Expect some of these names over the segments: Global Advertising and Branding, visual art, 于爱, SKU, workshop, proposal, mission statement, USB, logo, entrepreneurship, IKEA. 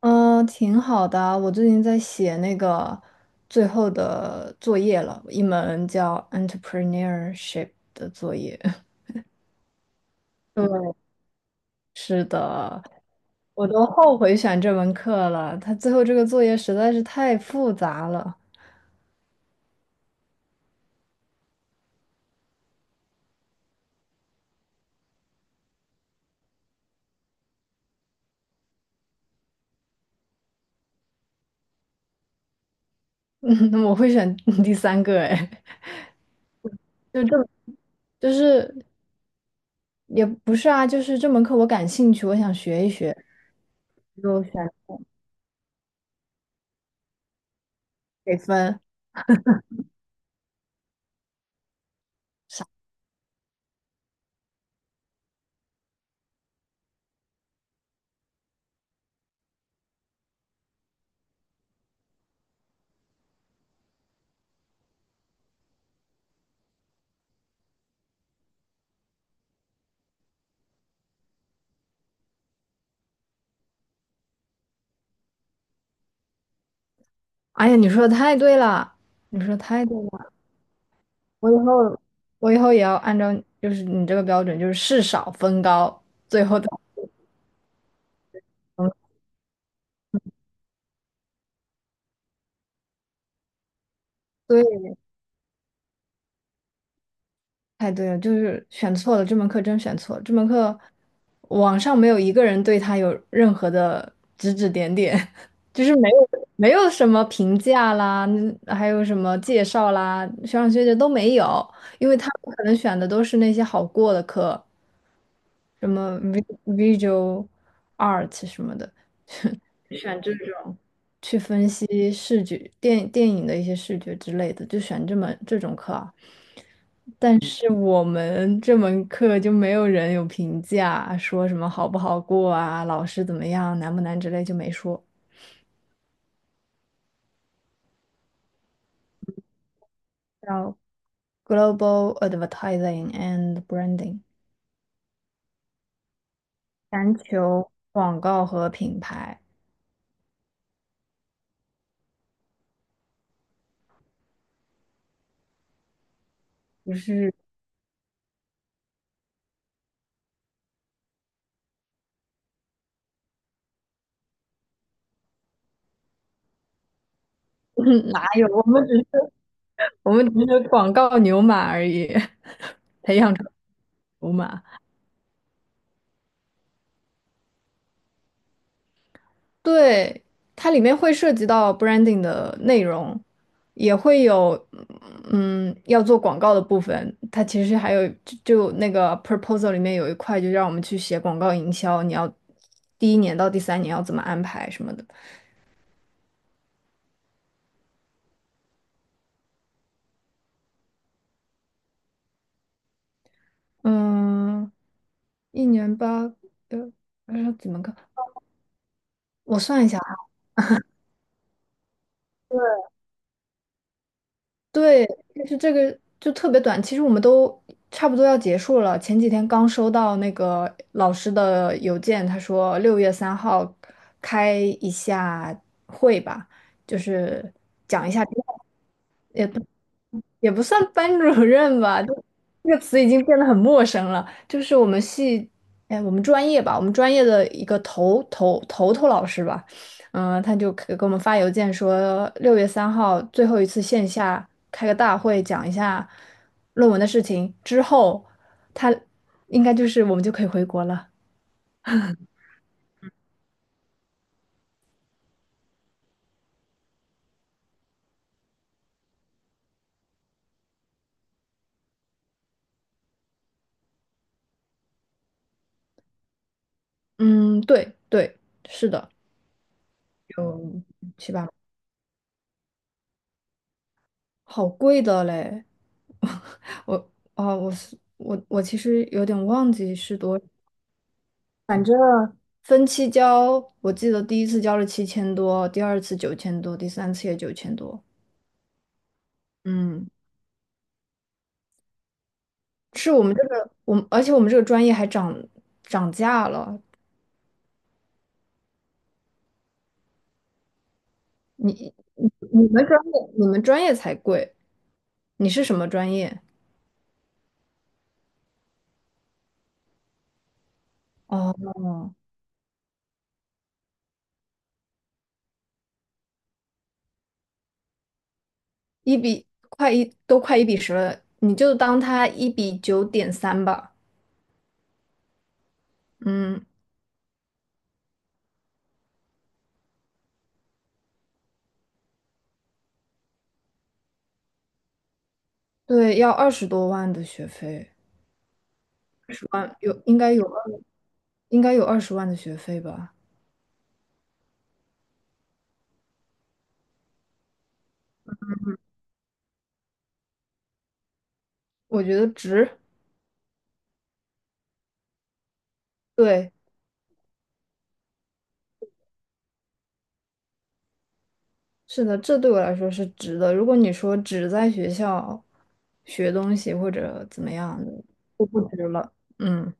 嗯，挺好的啊。我最近在写那个最后的作业了，一门叫 entrepreneurship 的作业。对，是的，我都后悔选这门课了。他最后这个作业实在是太复杂了。嗯，我会选 第三个，哎，就这，就是也不是啊，就是这门课我感兴趣，我想学一学，就选给分。哎呀，你说的太对了，你说得太对了。我以后我以后也要按照就是你这个标准，就是事少分高，最后的。对，太对了，就是选错了，这门课真选错了。这门课网上没有一个人对他有任何的指指点点，就是没有什么评价啦，还有什么介绍啦，学长学姐都没有，因为他们可能选的都是那些好过的课，什么 vi- s u a l art 什么的，选这种。去分析视觉电影的一些视觉之类的，就选这门这种课啊。但是我们这门课就没有人有评价，说什么好不好过啊，老师怎么样，难不难之类就没说。叫 Global Advertising and Branding，全球广告和品牌，不是 哪有，我们只是广告牛马而已，培养出牛马。对，它里面会涉及到 branding 的内容，也会有要做广告的部分。它其实还有就那个 proposal 里面有一块，就让我们去写广告营销，你要第一年到第三年要怎么安排什么的。嗯，一年八个，呃，怎么个？我算一下。对，就是这个就特别短，其实我们都差不多要结束了。前几天刚收到那个老师的邮件，他说六月三号开一下会吧，就是讲一下，也也不算班主任吧，就这个词已经变得很陌生了。就是我们系，哎，我们专业吧，我们专业的一个头头老师吧，他就给我们发邮件说，六月三号最后一次线下开个大会，讲一下论文的事情，之后他应该就是我们就可以回国了。嗯，对对，是的，有七八。好贵的嘞！我啊，我是我我其实有点忘记是多分期交，我记得第一次交了7000多，第二次九千多，第三次也九千多。嗯，是我们，而且我们这个专业还涨价了。你你你们专业你们专业才贵，你是什么专业？哦，一比快一都快1:10了，你就当它1:9.3吧。嗯。对，要20多万的学费，二十万有应该有二，应该有二十万的学费吧？我觉得值。对，是的，这对我来说是值的。如果你说只在学校学东西或者怎么样的，就不值了。嗯，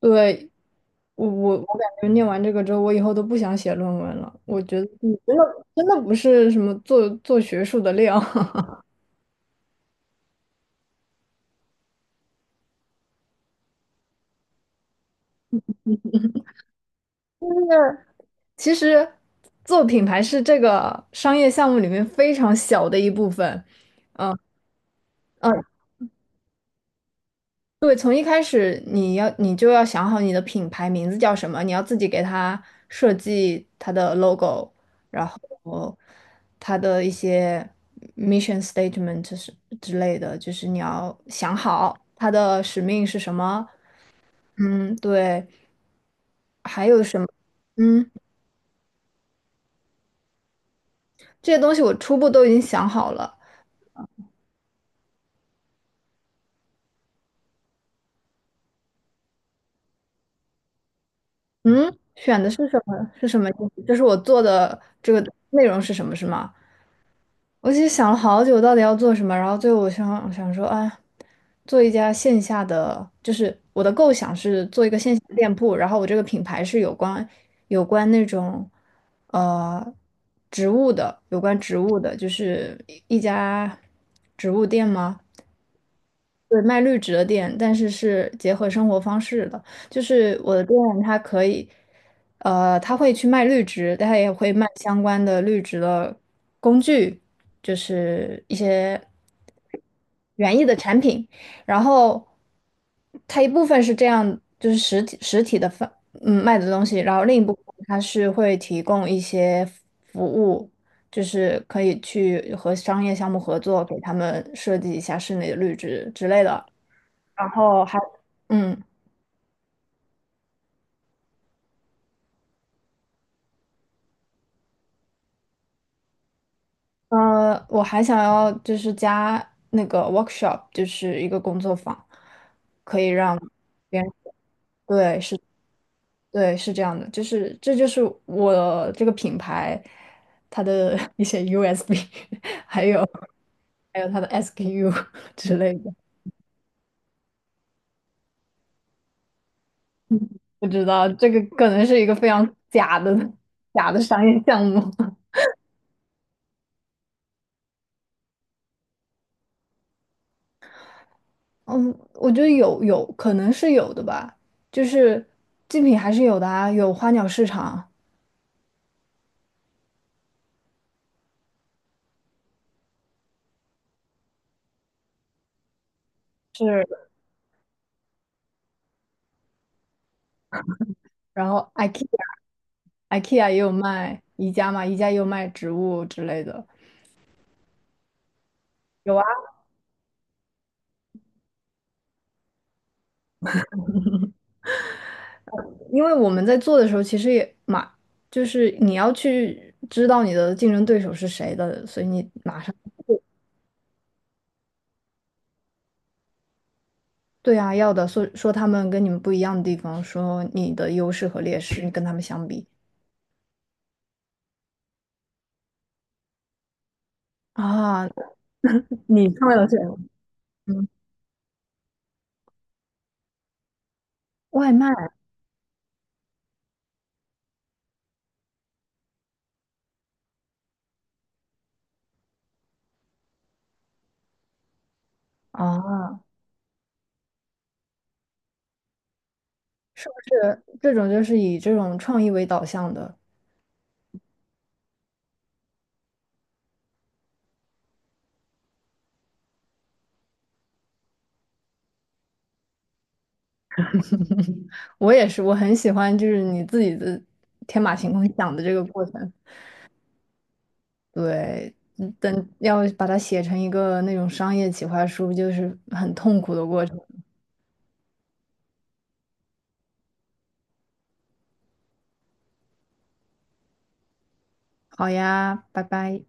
对，我感觉念完这个之后，我以后都不想写论文了。我觉得你真的真的不是什么做学术的料。就是其实做品牌是这个商业项目里面非常小的一部分。嗯嗯，对，从一开始你就要想好你的品牌名字叫什么，你要自己给它设计它的 logo，然后它的一些 mission statement 是之类的，就是你要想好它的使命是什么。嗯，对，还有什么？嗯，这些东西我初步都已经想好了。嗯，选的是什么？是什么意思？就是我做的这个内容是什么，是吗？我其实想了好久，到底要做什么。然后最后我想想说，啊，做一家线下的，就是我的构想是做一个线下的店铺。然后我这个品牌是有关那种呃植物的，有关植物的，就是一家植物店吗？对，卖绿植的店，但是是结合生活方式的。就是我的店，它可以，它会去卖绿植，但它也会卖相关的绿植的工具，就是一些园艺的产品。然后，它一部分是这样，就是实体的卖的东西，然后另一部分它是会提供一些服务，就是可以去和商业项目合作，给他们设计一下室内的绿植之类的。然后还，嗯，呃，我还想要就是加那个 workshop，就是一个工作坊，可以让别人，对，是，对，是这样的，这就是我这个品牌它的 一些 USB，还有还有它的 SKU 之类的。不知道，这个可能是一个非常假的 假的商业项目。嗯，我觉得有可能是有的吧，就是竞品还是有的啊，有花鸟市场是，然后 IKEA 也有卖宜家嘛，宜家也有卖植物之类的，有啊。因为我们在做的时候，其实就是你要去知道你的竞争对手是谁的，所以你马上对啊，要的，说说他们跟你们不一样的地方，说你的优势和劣势，你跟他们相比啊，你创了的是嗯，外卖啊，是不是这种就是以这种创意为导向的？我也是，我很喜欢就是你自己的天马行空想的这个过程。对，等要把它写成一个那种商业企划书，就是很痛苦的过程。好呀，拜拜。